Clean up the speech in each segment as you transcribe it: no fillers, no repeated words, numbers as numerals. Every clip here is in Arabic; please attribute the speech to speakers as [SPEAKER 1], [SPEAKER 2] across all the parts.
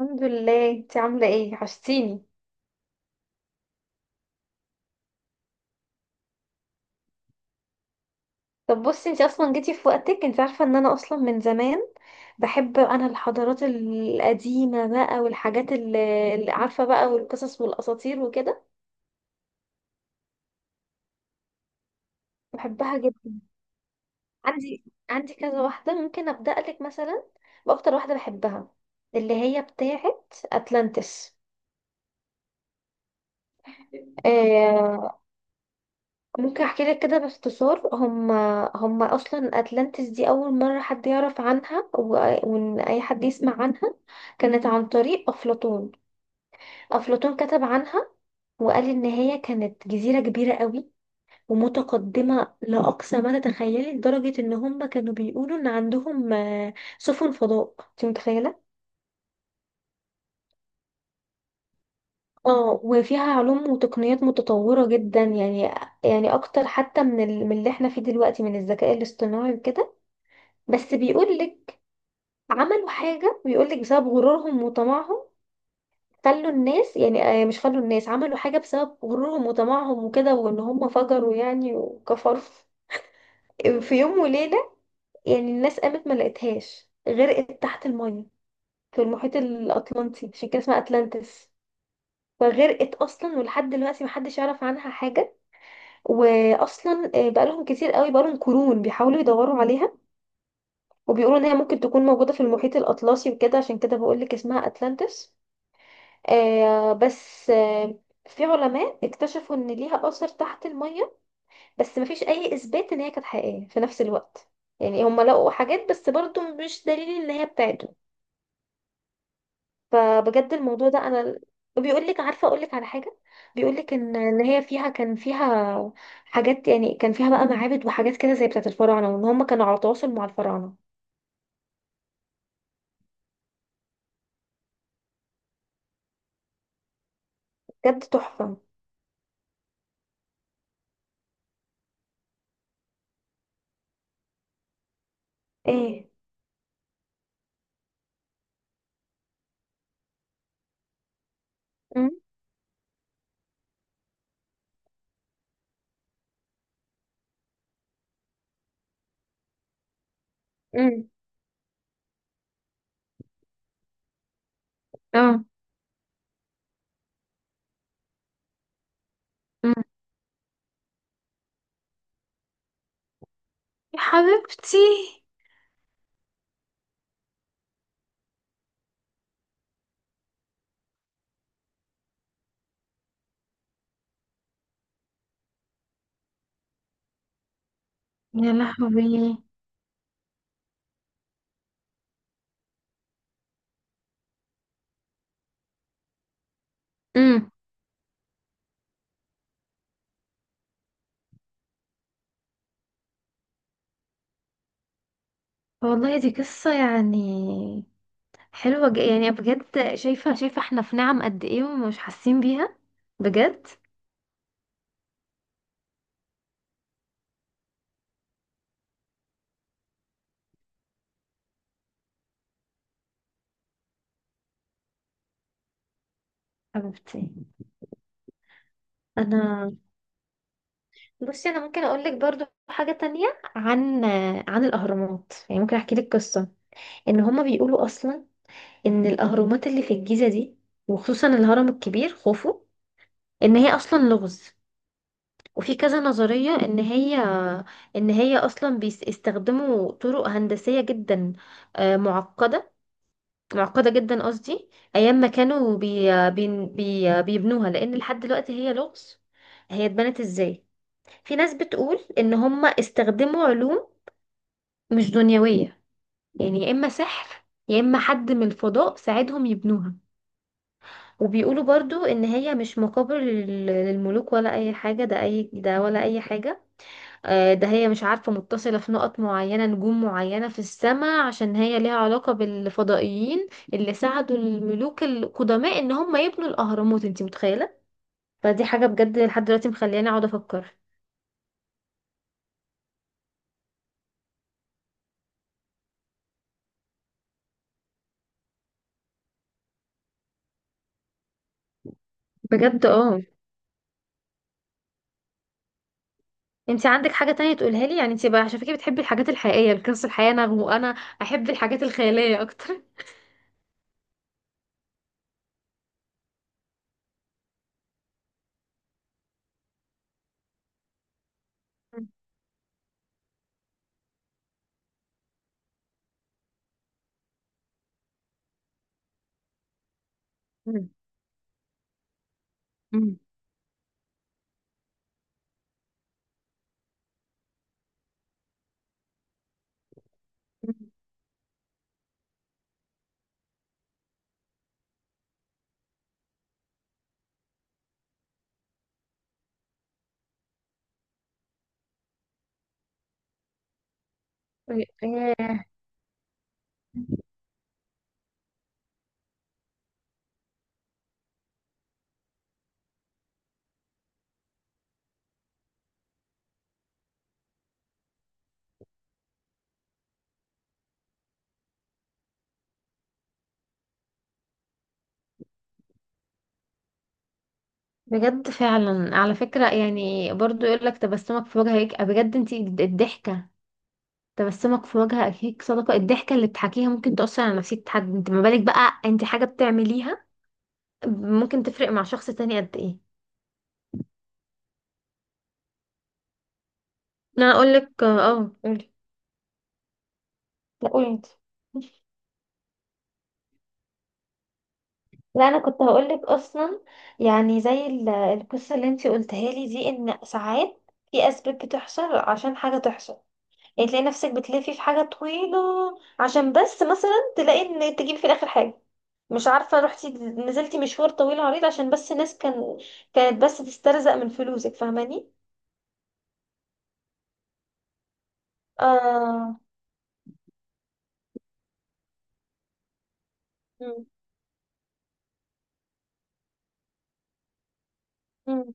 [SPEAKER 1] الحمد لله، انت عامله ايه؟ وحشتيني. طب بصي، انت اصلا جيتي في وقتك. انت عارفه ان انا اصلا من زمان بحب انا الحضارات القديمه بقى، والحاجات اللي عارفه بقى، والقصص والاساطير وكده. بحبها جدا. عندي، عندي كذا واحده، ممكن ابدا لك مثلا باكتر واحده بحبها، اللي هي بتاعه اتلانتس. آه، ممكن احكي لك كده باختصار. هم اصلا اتلانتس دي اول مره حد يعرف عنها وان اي حد يسمع عنها كانت عن طريق افلاطون. افلاطون كتب عنها، وقال ان هي كانت جزيره كبيره قوي، ومتقدمه لاقصى ما تتخيلي، لدرجه ان هم كانوا بيقولوا ان عندهم سفن فضاء. انت متخيله؟ اه، وفيها علوم وتقنيات متطوره جدا، يعني يعني اكتر حتى من من اللي احنا فيه دلوقتي من الذكاء الاصطناعي وكده. بس بيقول لك، عملوا حاجة، بيقولك بسبب غرورهم وطمعهم خلوا الناس، يعني مش خلوا الناس، عملوا حاجة بسبب غرورهم وطمعهم وكده، وان هم فجروا يعني وكفروا في يوم وليلة. يعني الناس قامت ما لقيتهاش، غرقت تحت المية في المحيط الأطلنطي، عشان كده اسمها أتلانتس. فغرقت اصلا، ولحد دلوقتي محدش يعرف عنها حاجه. واصلا بقالهم كتير قوي، بقالهم قرون بيحاولوا يدوروا عليها، وبيقولوا ان هي ممكن تكون موجوده في المحيط الاطلسي وكده، عشان كده بقولك اسمها اتلانتس. آه بس آه في علماء اكتشفوا ان ليها اثر تحت المية، بس مفيش اي اثبات ان هي كانت حقيقية في نفس الوقت. يعني هم لقوا حاجات، بس برضو مش دليل ان هي بتاعته. فبجد الموضوع ده انا بيقول لك، عارفة اقول لك على حاجة؟ بيقول لك ان ان هي فيها كان فيها حاجات، يعني كان فيها بقى معابد وحاجات كده زي بتاعة الفراعنة، وان هم كانوا على تواصل مع الفراعنة. بجد تحفة. ايه؟ مم. مم. اه. مم. يا حبيبتي. يا لهوي. مم. والله دي قصة يعني حلوة، يعني بجد شايفة، شايفة احنا في نعم قد ايه، ومش حاسين بيها؟ بجد. حبيبتي، انا بصي، انا ممكن اقول لك برضو حاجة تانية عن، عن الاهرامات، يعني ممكن احكي لك قصة. ان هما بيقولوا اصلا ان الاهرامات اللي في الجيزة دي، وخصوصا الهرم الكبير خوفو، ان هي اصلا لغز. وفي كذا نظرية ان هي، اصلا بيستخدموا طرق هندسية جدا معقدة، معقدة جدا قصدي، أيام ما كانوا بي بي بي بيبنوها، لأن لحد دلوقتي هي لغز، هي اتبنت ازاي. في ناس بتقول إن هم استخدموا علوم مش دنيوية، يعني يا إما سحر يا إما حد من الفضاء ساعدهم يبنوها. وبيقولوا برضو إن هي مش مقابر للملوك ولا أي حاجة، ده أي ده ولا أي حاجة. آه، ده هي مش عارفة، متصلة في نقط معينة، نجوم معينة في السماء، عشان هي ليها علاقة بالفضائيين اللي ساعدوا الملوك القدماء ان هم يبنوا الاهرامات. انت متخيلة؟ فدي حاجة بجد لحد دلوقتي مخلياني اقعد افكر. بجد. اه. انت عندك حاجة تانية تقولها لي يعني؟ انت بقى عشان فكرة بتحبي الحاجات الحقيقية، القصص الحقيقية، وانا احب الحاجات الخيالية اكتر. مم. مم. مم. آه، بجد فعلا، على فكرة يعني، برضو يقول لك تبسمك في وجهك بجد. انت الضحكة، تبسمك في وجه أخيك صدقة. الضحكة اللي بتحكيها ممكن تأثر على نفسية حد، انت ما بالك بقى انت حاجة بتعمليها، ممكن تفرق مع شخص تاني قد ايه. انا اقولك، اه قولي. لا قولي انت. لا، انا كنت هقولك اصلا، يعني زي القصة اللي انت قلتها لي دي، ان ساعات في اسباب بتحصل عشان حاجة تحصل. يعني تلاقي نفسك بتلفي في حاجة طويلة عشان بس مثلا تلاقي ان تجيب في الاخر حاجة، مش عارفة، رحتي نزلتي مشوار طويل عريض عشان بس ناس كانت بس تسترزق من فلوسك. فاهماني؟ اه. مم. مم.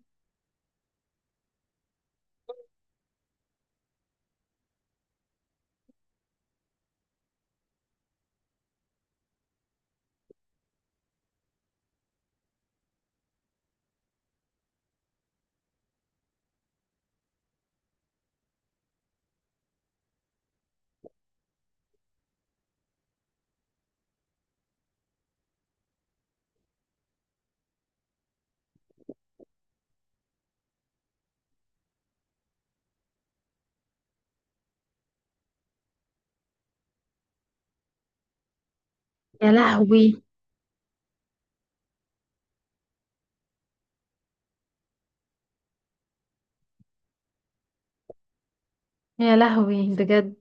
[SPEAKER 1] يا لهوي. يا لهوي بجد.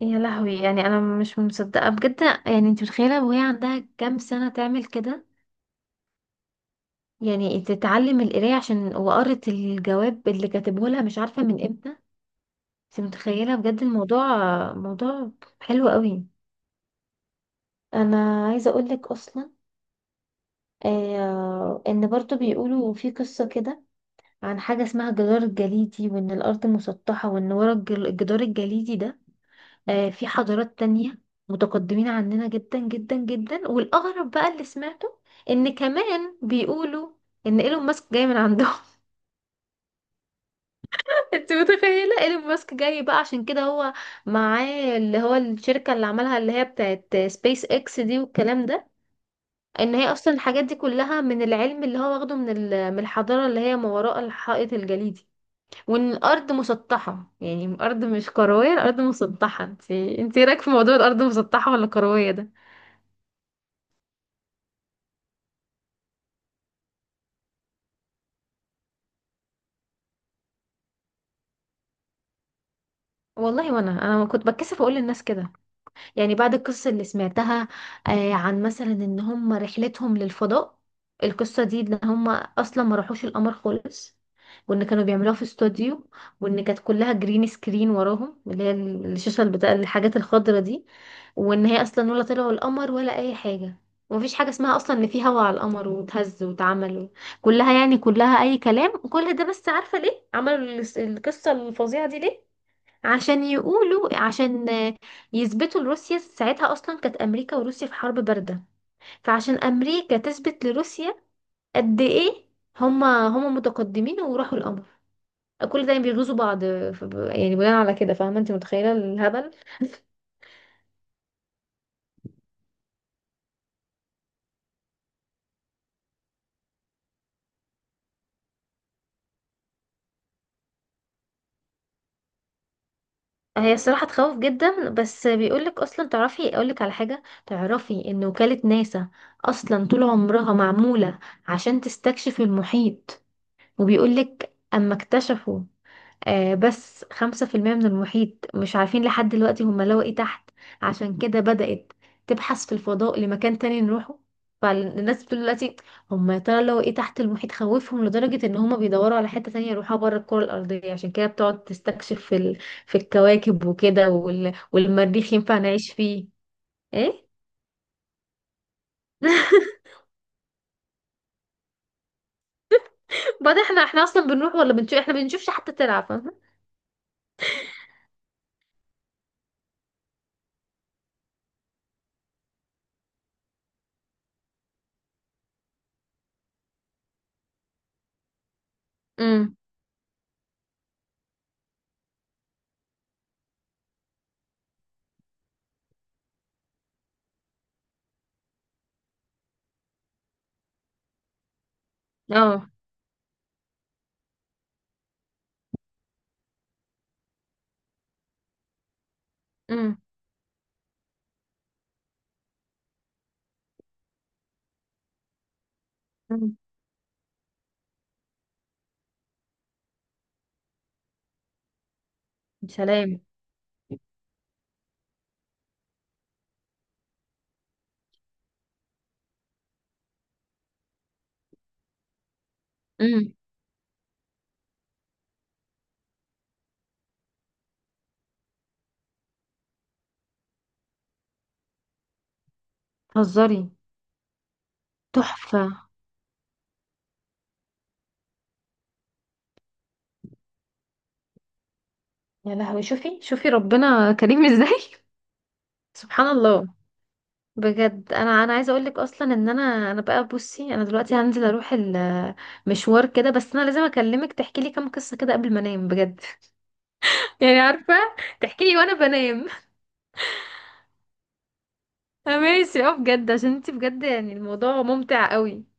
[SPEAKER 1] يا لهوي، يعني انا مش مصدقه بجد. يعني انت متخيله وهي عندها كام سنه تعمل كده؟ يعني تتعلم القرايه، عشان وقرت الجواب اللي كاتبه لها مش عارفه من امتى. انت متخيله بجد الموضوع؟ موضوع حلو قوي. انا عايزه اقول لك اصلا، آه، ان برضو بيقولوا في قصه كده عن حاجه اسمها الجدار الجليدي، وان الارض مسطحه، وان ورا الجدار الجليدي ده في حضارات تانية متقدمين عننا جدا جدا جدا، والاغرب بقى اللي سمعته ان كمان بيقولوا ان ايلون ماسك جاي من عندهم. انت متخيله ايلون ماسك جاي؟ بقى عشان كده هو معاه اللي هو الشركه اللي عملها، اللي هي بتاعت سبيس اكس دي والكلام ده، ان هي اصلا الحاجات دي كلها من العلم اللي هو واخده من من الحضاره اللي هي ما وراء الحائط الجليدي. وان الارض مسطحه، يعني الارض مش كرويه، الارض مسطحه. انت إيه رايك في موضوع الارض مسطحه ولا كرويه ده؟ والله، وانا ما كنت بتكسف اقول للناس كده، يعني بعد القصة اللي سمعتها عن مثلا ان هم رحلتهم للفضاء، القصة دي ان هم اصلا ما راحوش القمر خالص، وان كانوا بيعملوها في استوديو، وان كانت كلها جرين سكرين وراهم، اللي هي الشاشة بتاع الحاجات الخضرة دي، وان هي اصلا ولا طلعوا القمر ولا اي حاجة، ومفيش حاجة اسمها اصلا ان في هوا على القمر وتهز واتعمل، كلها يعني كلها اي كلام. كل ده، بس عارفة ليه عملوا القصة الفظيعة دي ليه؟ عشان يقولوا، عشان يثبتوا لروسيا، ساعتها اصلا كانت امريكا وروسيا في حرب بارده، فعشان امريكا تثبت لروسيا قد ايه هما متقدمين وراحوا القمر، كل ده بيغيظوا بعض. يعني بناء على كده، فاهمه؟ انت متخيله الهبل؟ هي الصراحه تخوف جدا، بس بيقولك اصلا، تعرفي اقولك على حاجه؟ تعرفي ان وكاله ناسا اصلا طول عمرها معموله عشان تستكشف المحيط، وبيقولك اما اكتشفوا بس 5% من المحيط، مش عارفين لحد دلوقتي هما لقوا ايه تحت، عشان كده بدأت تبحث في الفضاء لمكان تاني نروحه. فالناس بتقول دلوقتي، هما يا ترى لقوا ايه تحت المحيط خوفهم لدرجة ان هما بيدوروا على حتة تانية يروحوها بره الكرة الأرضية؟ عشان كده بتقعد تستكشف في, ال... في الكواكب وكده، والمريخ ينفع نعيش فيه. ايه؟ بعد، احنا اصلا بنروح ولا بنشوف؟ احنا بنشوفش حتى تلعب، فاهمة؟ امم. اه. امم. أمم. سلام. امم. هزاري. تحفة. يا لهوي، شوفي شوفي ربنا كريم ازاي. سبحان الله. بجد انا، عايزه اقول لك اصلا، ان انا بقى بصي، انا دلوقتي هنزل اروح المشوار كده، بس انا لازم اكلمك تحكي لي كام قصه كده قبل ما انام، بجد. يعني عارفه، تحكي لي وانا بنام. ماشي. اه، بجد، عشان انت بجد يعني الموضوع ممتع قوي.